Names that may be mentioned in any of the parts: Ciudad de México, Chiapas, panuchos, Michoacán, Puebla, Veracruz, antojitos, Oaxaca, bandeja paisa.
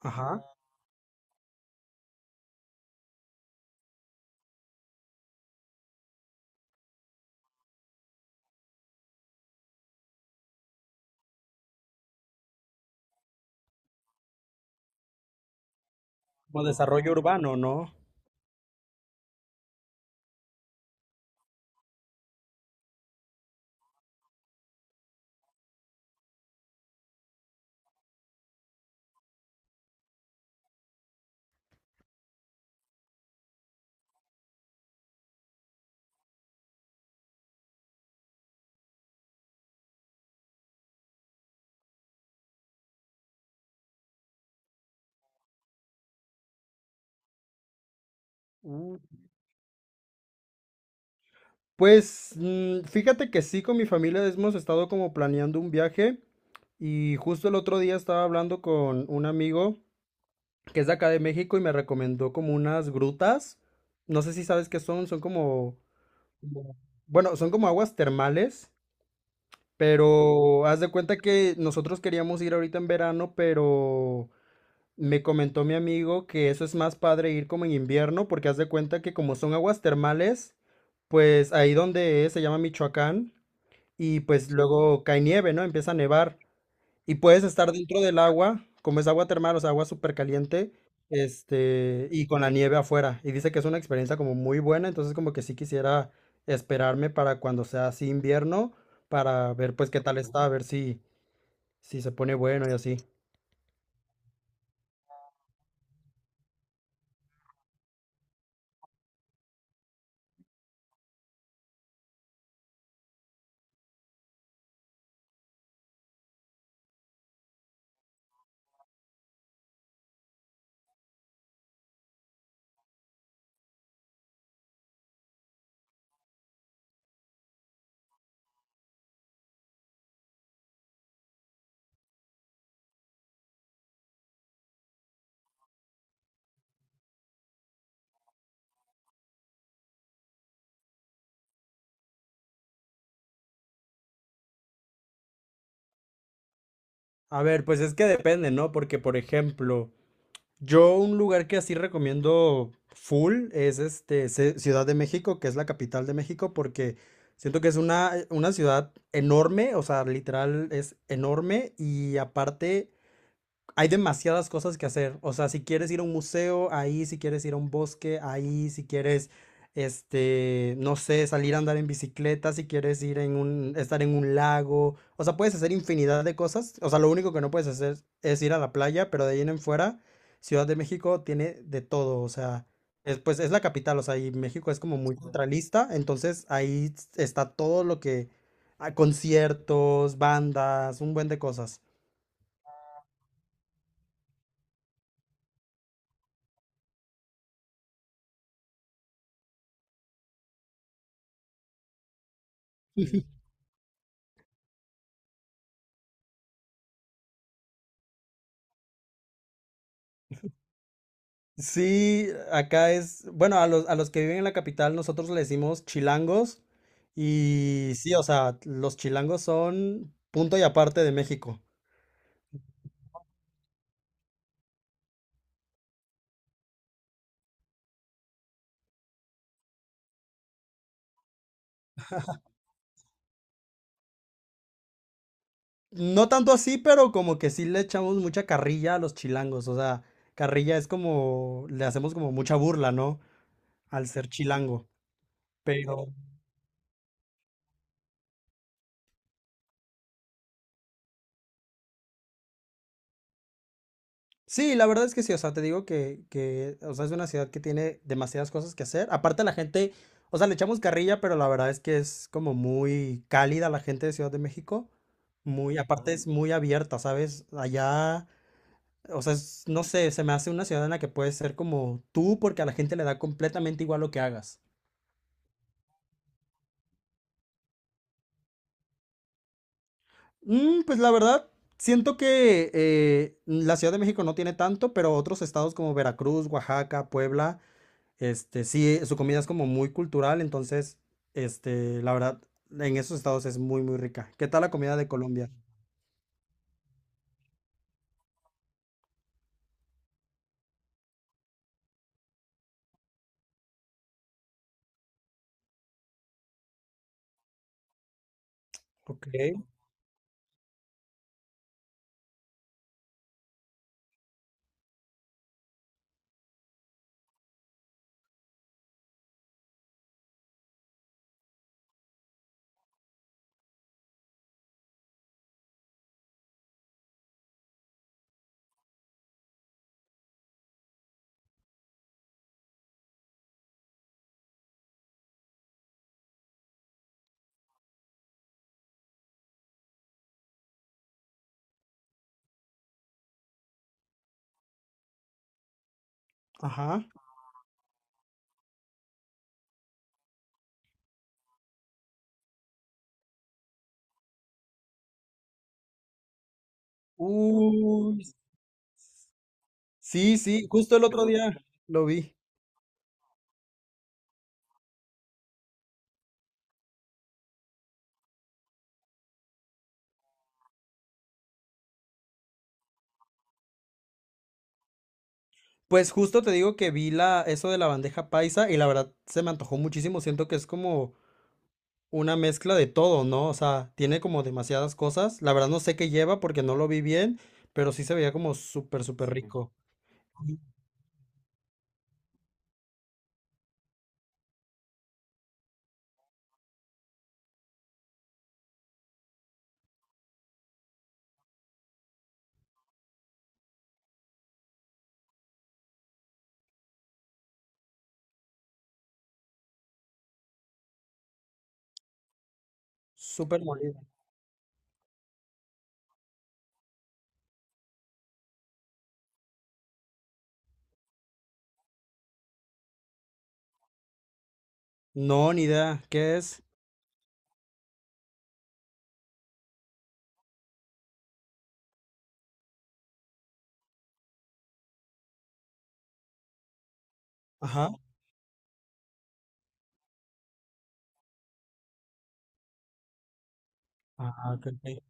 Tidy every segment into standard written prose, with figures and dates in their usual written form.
Ajá. Como desarrollo urbano, ¿no? Uh, Pues fíjate que sí, con mi familia hemos estado como planeando un viaje y justo el otro día estaba hablando con un amigo que es de acá de México y me recomendó como unas grutas. No sé si sabes qué son, son como, como- bueno, son como aguas termales, pero haz de cuenta que nosotros queríamos ir ahorita en verano, pero me comentó mi amigo que eso es más padre ir como en invierno, porque haz de cuenta que como son aguas termales, pues ahí donde es, se llama Michoacán, y pues luego cae nieve, ¿no? Empieza a nevar. Y puedes estar dentro del agua, como es agua termal, o sea, agua súper caliente, y con la nieve afuera. Y dice que es una experiencia como muy buena, entonces como que sí quisiera esperarme para cuando sea así invierno, para ver pues qué tal está, a ver si, si se pone bueno y así. A ver, pues es que depende, ¿no? Porque, por ejemplo, yo un lugar que así recomiendo full es este Ciudad de México, que es la capital de México, porque siento que es una ciudad enorme, o sea, literal es enorme y aparte hay demasiadas cosas que hacer. O sea, si quieres ir a un museo, ahí, si quieres ir a un bosque, ahí, si quieres, no sé, salir a andar en bicicleta, si quieres ir en un, estar en un lago. O sea, puedes hacer infinidad de cosas. O sea, lo único que no puedes hacer es ir a la playa, pero de ahí en fuera, Ciudad de México tiene de todo. O sea, es, pues es la capital, o sea, y México es como muy centralista, entonces ahí está todo lo que, ah, conciertos, bandas, un buen de cosas. Sí, acá es, bueno, a a los que viven en la capital nosotros le decimos chilangos y sí, o sea, los chilangos son punto y aparte de México. No tanto así, pero como que sí le echamos mucha carrilla a los chilangos, o sea, carrilla es como, le hacemos como mucha burla, ¿no? Al ser chilango, pero... Sí, la verdad es que sí, o sea, te digo que, o sea, es una ciudad que tiene demasiadas cosas que hacer. Aparte la gente, o sea, le echamos carrilla, pero la verdad es que es como muy cálida la gente de Ciudad de México. Muy, aparte es muy abierta, ¿sabes? Allá, o sea, no sé, se me hace una ciudad en la que puedes ser como tú porque a la gente le da completamente igual lo que hagas. Pues la verdad, siento que la Ciudad de México no tiene tanto, pero otros estados como Veracruz, Oaxaca, Puebla. Sí, su comida es como muy cultural, entonces, la verdad, en esos estados es muy, muy rica. ¿Qué tal la comida de Colombia? Ok. Ajá. Uy, sí, sí, justo el otro día lo vi. Pues justo te digo que vi la, eso de la bandeja paisa y la verdad se me antojó muchísimo. Siento que es como una mezcla de todo, ¿no? O sea, tiene como demasiadas cosas. La verdad no sé qué lleva porque no lo vi bien, pero sí se veía como súper, súper rico. Ujú. Súper molido. No, ni idea. ¿Qué es? Ajá. Ah, ok, ok.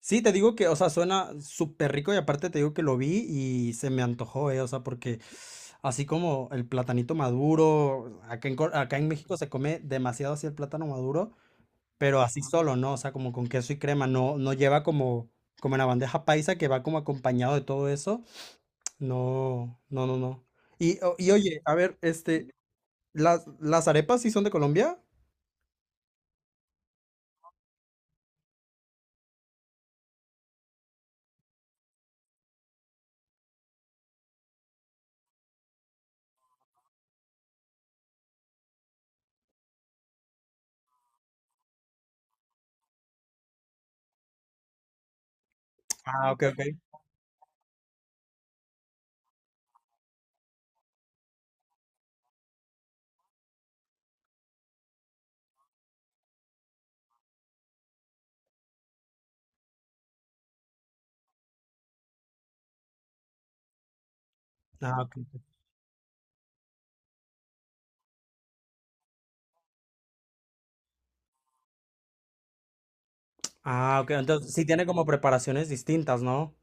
Sí, te digo que, o sea, suena súper rico y aparte te digo que lo vi y se me antojó, ¿eh? O sea, porque así como el platanito maduro, acá en, acá en México se come demasiado así el plátano maduro, pero así solo, ¿no? O sea, como con queso y crema, no, no lleva como, como en la bandeja paisa que va como acompañado de todo eso. No, no, no, no. Y, y oye, a ver, las arepas sí son de Colombia? Ah, ok, ok. Ah, ok. Ah, ok. Entonces sí tiene como preparaciones distintas, ¿no?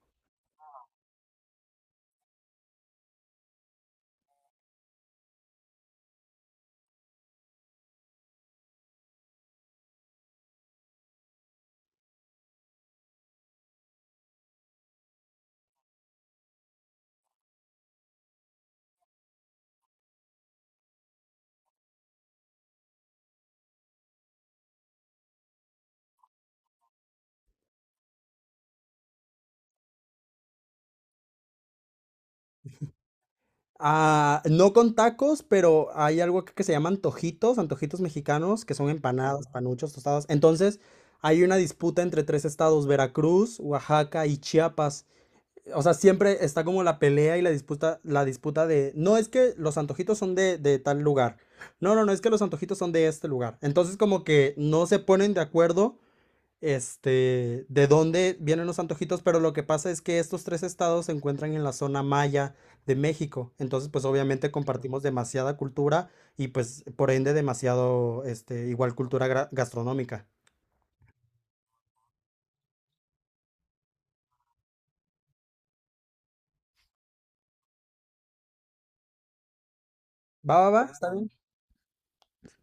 Ah, no con tacos, pero hay algo que se llaman antojitos, antojitos mexicanos, que son empanadas, panuchos, tostadas. Entonces, hay una disputa entre tres estados, Veracruz, Oaxaca y Chiapas. O sea, siempre está como la pelea y la disputa de, no es que los antojitos son de tal lugar, no, no, no es que los antojitos son de este lugar. Entonces como que no se ponen de acuerdo, de dónde vienen los antojitos, pero lo que pasa es que estos tres estados se encuentran en la zona maya de México, entonces pues obviamente compartimos demasiada cultura y pues por ende demasiado, igual cultura gastronómica. Va, va, va, está bien.